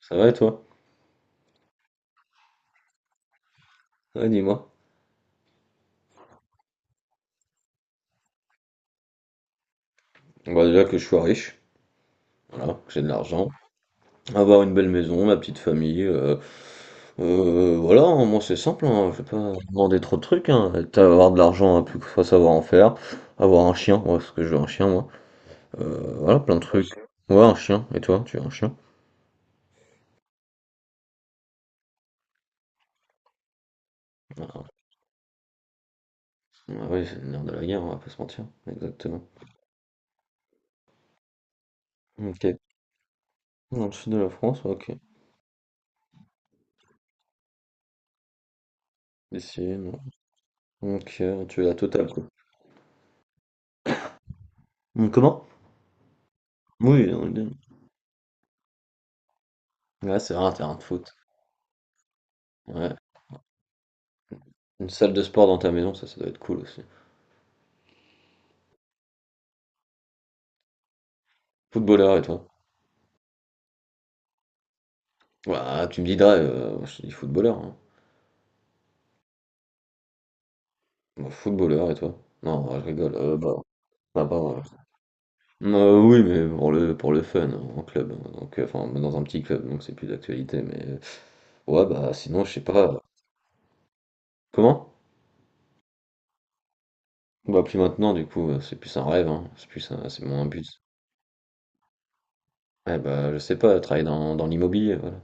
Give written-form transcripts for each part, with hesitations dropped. Ça va et toi? Ouais, dis-moi. Bah déjà que je sois riche, voilà, que j'ai de l'argent, avoir une belle maison, ma petite famille, voilà, hein, moi c'est simple, hein, je vais pas demander trop de trucs, hein. Avoir de l'argent, hein, plus que faut savoir en faire, avoir un chien, ouais, parce que je veux un chien moi. Voilà, plein de trucs. Ouais, un chien, et toi, tu veux un chien? Ah, oui, c'est le nerf de la guerre, on va pas se mentir, exactement. Ok, dans le sud de la France, ouais, ok, ici, non. Donc tu es la totale quoi. Comment? Oui, deux. Ouais, c'est vrai, un terrain de foot. Ouais, une salle de sport dans ta maison, ça doit être cool aussi. Footballeur et toi? Ouah, tu me dis drive, moi, je te dis footballeur, hein. Bah, footballeur et toi? Non, je rigole, bah, bah, bah, oui, mais pour le fun, hein, en club, hein. Donc enfin dans un petit club, donc c'est plus d'actualité, mais ouais, bah, sinon, je sais pas, comment? Bah, plus maintenant, du coup, c'est plus un rêve, hein, c'est moins un but. Eh bah, je sais pas, travailler dans l'immobilier, voilà.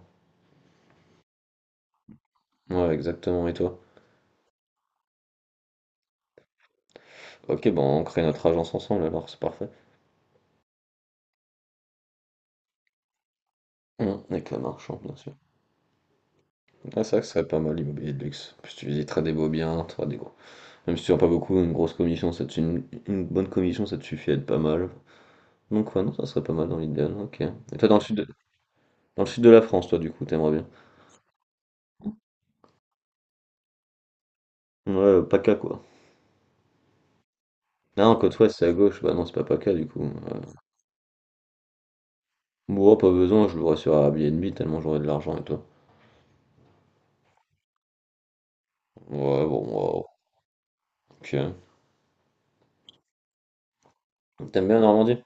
Ouais, exactement et toi? OK, bah, on crée notre agence ensemble alors, c'est parfait. Mmh, avec la marchande, bien sûr. Ah, c'est vrai que ce serait pas mal l'immobilier de luxe. Puis tu visiteras des beaux biens, t'auras des gros. Même si tu n'as pas beaucoup, une grosse commission, une bonne commission, ça te suffit à être pas mal. Donc ouais, non, ça serait pas mal dans l'idéal, ok. Et toi dans le sud de, Dans le sud de la France, toi du coup, t'aimerais bien. Ouais, PACA quoi. Ah non, côte ouest c'est à gauche, bah non c'est pas PACA du coup. Bon, pas besoin, je l'aurais sur Airbnb tellement j'aurais de l'argent et toi. Ouais, bon, wow, ok. T'aimes bien Normandie?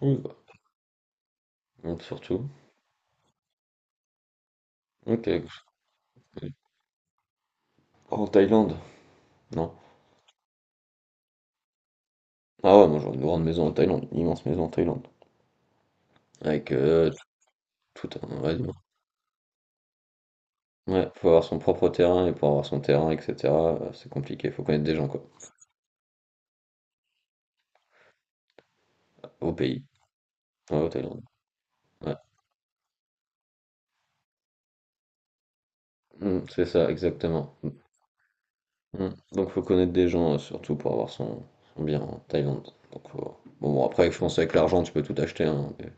Oui, bah, donc, surtout. Ok. En Thaïlande? Non. Ah ouais, moi j'aurais une grande maison en Thaïlande, une immense maison en Thaïlande. Avec tout tout un. Ouais, dis-moi. Ouais, faut avoir son propre terrain et pour avoir son terrain, etc. C'est compliqué, faut connaître des gens, quoi. Au pays. Ouais, au Thaïlande. Ouais. Mm, c'est ça, exactement. Mm. Donc faut connaître des gens, surtout pour avoir son bien en Thaïlande. Donc, bon, bon, après, je pense avec l'argent, tu peux tout acheter, hein, mais...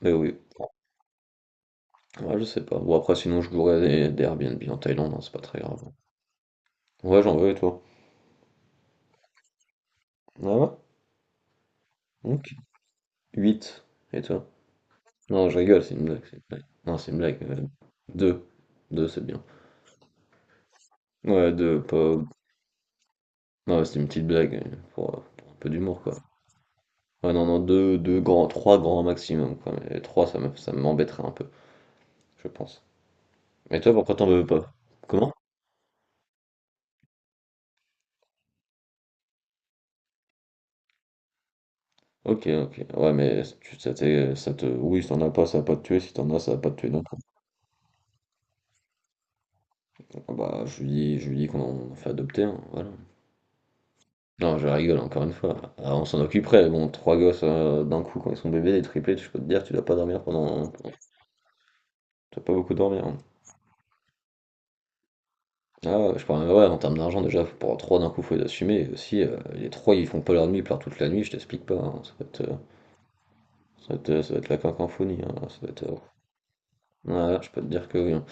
mais oui. Ouais, je sais pas. Bon, après, sinon, je louerais des Airbnb en Thaïlande, hein, c'est pas très grave. Ouais, j'en veux, et toi? Ah ouais? Ok. 8. Et toi? Non, je rigole, c'est une blague, c'est une blague. Non, c'est une blague. Deux. Deux, c'est bien. Ouais, deux, pas. Non, c'est une petite blague, pour un peu d'humour, quoi. Ouais, non, non, deux grands, trois grands maximum, quoi. Mais trois, ça m'embêterait un peu, je pense. Mais toi, pourquoi t'en veux pas? Comment? Ok, ok. Ouais, mais tu, ça, t'est- ça te. Oui, si t'en as pas, ça va pas te tuer. Si t'en as, ça va pas te tuer non plus. Ah bah, je lui dis qu'on en fait adopter, hein, voilà. Non, je rigole, encore une fois. Ah, on s'en occuperait, bon, trois gosses, d'un coup quand ils sont bébés, des triplés, je peux te dire, tu dois pas dormir pendant. Tu dois pas beaucoup dormir, hein. Ah, ouais, je parle, même ouais, en termes d'argent, déjà, pour trois d'un coup, faut les assumer. Et aussi, les trois, ils font pas leur nuit, ils pleurent toute la nuit, je t'explique pas, hein. Ça va être la cacomphonie, hein. Ça va être. Ouais, je peux te dire que oui, hein.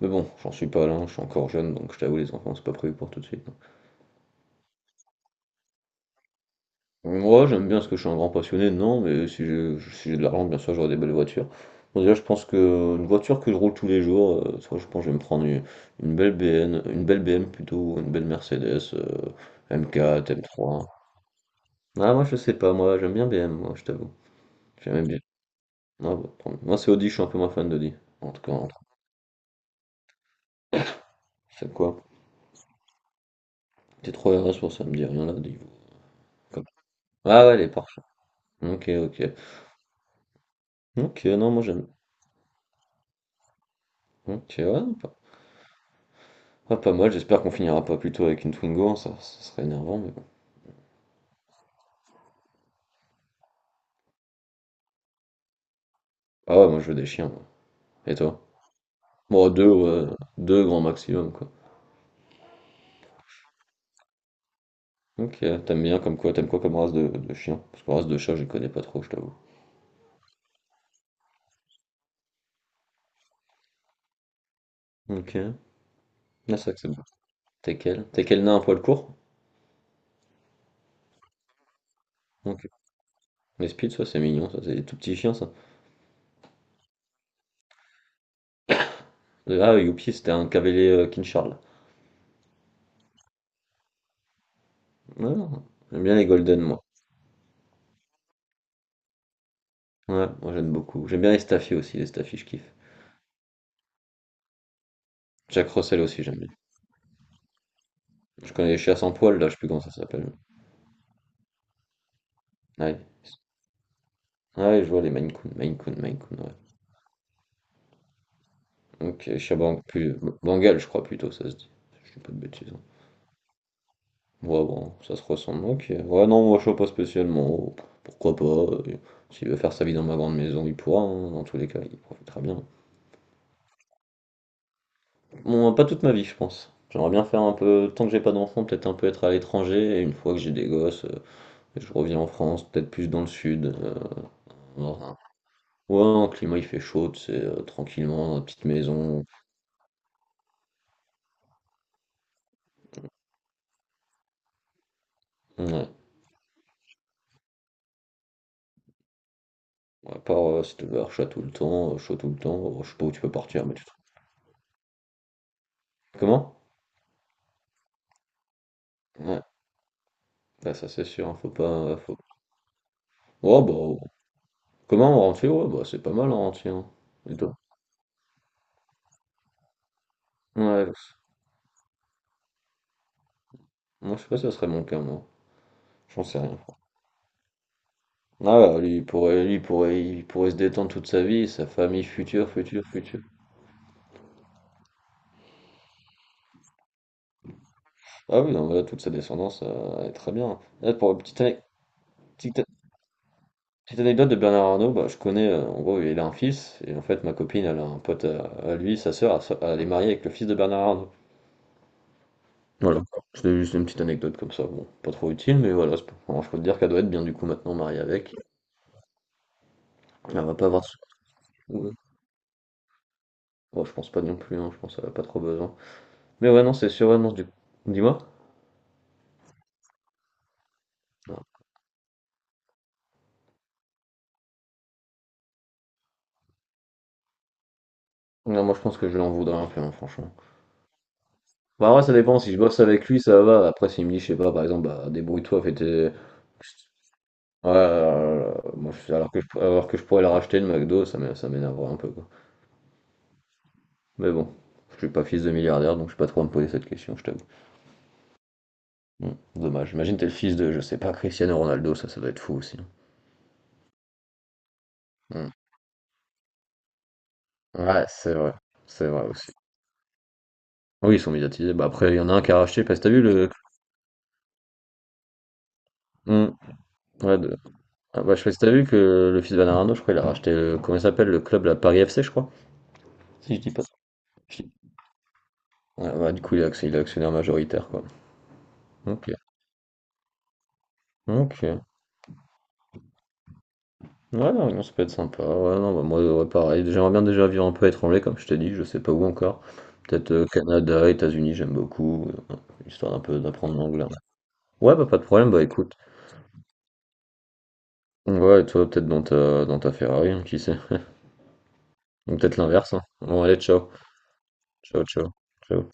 Mais bon, j'en suis pas là, hein. Je suis encore jeune, donc je t'avoue, les enfants, c'est pas prévu pour tout de suite, hein. Moi, j'aime bien parce que je suis un grand passionné, non, mais si j'ai de l'argent, bien sûr, j'aurai des belles voitures. Bon, déjà, je pense que une voiture que je roule tous les jours, soit je pense que je vais me prendre une belle BN, une belle BM plutôt, une belle Mercedes, M4, M3. Ah, moi, je sais pas, moi, j'aime bien BM, moi, je t'avoue. J'aime bien. Ah, bah, tant mieux. Moi, c'est Audi, je suis un peu moins fan d'Audi. En tout cas, entre- C'est quoi? T3 RS, pour ça me dit rien là, dis-vous. Comme- Ah, ouais, elle est parfaite. Ok, ok. Ok, non, moi, j'aime. Ok, ouais, ah, pas mal, j'espère qu'on finira pas plutôt avec une Twingo, hein, ça serait énervant, mais bon. Ah ouais, moi je veux des chiens, moi. Et toi? Moi, deux, ouais, deux grand maximum, quoi. Ok, t'aimes quoi comme race de chien? Parce que race de chat, je les connais pas trop, je t'avoue. Ok, ah, c'est vrai que c'est bon. T'es quel nain à poil court? Ok. Les Spitz, ça c'est mignon, ça c'est des tout petits chiens, ça. Ah, Youpi, c'était un cavalier, King Charles. Ouais, non, j'aime bien les Golden, moi. Ouais, moi j'aime beaucoup. J'aime bien les Staffy aussi, les Staffy, je kiffe. Jack Russell aussi, j'aime bien. Je connais les chiens sans poil, là, je sais plus comment ça s'appelle. Ouais. Ah ouais, je vois les Maine Coon, Maine Coon, Maine Coon, ouais. Ok, Chabang, plus Bengale, je crois plutôt, ça se dit. Je dis pas de bêtises, hein. Ouais, bon, ça se ressemble. Ok. Ouais, non, moi je vois pas spécialement. Oh, pourquoi pas? S'il veut faire sa vie dans ma grande maison, il pourra, hein. Dans tous les cas, il profitera bien. Bon, pas toute ma vie, je pense. J'aimerais bien faire un peu, tant que j'ai pas d'enfants, peut-être un peu être à l'étranger. Et une fois que j'ai des gosses, je reviens en France, peut-être plus dans le sud. Dans un- Ouais, un climat il fait chaud, c'est tranquillement, dans la petite maison. Ouais, ouais. À part, si tu vas chaud tout le temps, chaud tout le temps, je sais pas où tu peux partir, mais tu te comment? Ouais, bah, ça c'est sûr, hein, faut pas, faut, oh bah, comment? En rentier? Ouais, bah, c'est pas mal en rentier, hein, et toi? Ouais, bah, moi je sais pas si ça serait mon cas, moi, j'en sais rien. Ah, ouais, lui, il pourrait se détendre toute sa vie, sa famille future, future, future. Ah oui, non, mais là, toute sa descendance, elle est très bien, hein. Là, pour la petite ane petite Petite anecdote de Bernard Arnault, bah, je connais, en gros, il a un fils, et en fait, ma copine, elle a un pote à lui, sa sœur, elle est mariée avec le fils de Bernard Arnault. Voilà, c'était juste une petite anecdote comme ça, bon, pas trop utile, mais voilà, c'est pas- alors, je peux te dire qu'elle doit être bien du coup maintenant mariée avec. Elle va pas avoir. Ouais. Oh, je pense pas non plus, hein, je pense qu'elle a pas trop besoin. Mais ouais, non, c'est sûr, ouais, non, du dis-moi? Non. Non, moi je pense que je l'en voudrais un peu, hein, franchement. Bah ouais, ça dépend, si je bosse avec lui, ça va, après s'il me dit, je sais pas, par exemple, bah débrouille-toi, fais tes... Ouais, alors, alors que je pourrais le racheter le McDo, ça m'énerverait un peu quoi. Mais bon, je suis pas fils de milliardaire, donc je suis pas trop à me poser cette question, je t'avoue. Hmm, dommage. Imagine t'es le fils de, je sais pas, Cristiano Ronaldo, ça doit être fou aussi. Hmm. Ouais, c'est vrai aussi. Oui, ils sont médiatisés. Bah après, il y en a un qui a racheté, parce que t'as vu le. Hmm, ouais, ah, bah, je sais pas si t'as vu que le fils de Bernardo, je crois, il a racheté, comment il s'appelle, le club, la Paris FC, je crois. Si je dis pas. je dis- Ouais, bah, du coup, il est actionnaire majoritaire quoi. Ok. Ok. Ouais, la Réunion, ça peut être sympa. Ouais, non, bah, moi, ouais, pareil. J'aimerais bien déjà vivre un peu à l'étranger, comme je t'ai dit, je sais pas où encore. Peut-être, Canada, États-Unis, j'aime beaucoup, histoire d'un peu d'apprendre l'anglais. Ouais, bah pas de problème, bah écoute. Ouais, et toi, peut-être dans ta Ferrari, hein, qui sait. Ou peut-être l'inverse, hein. Bon, allez, ciao. Ciao, ciao. Ciao.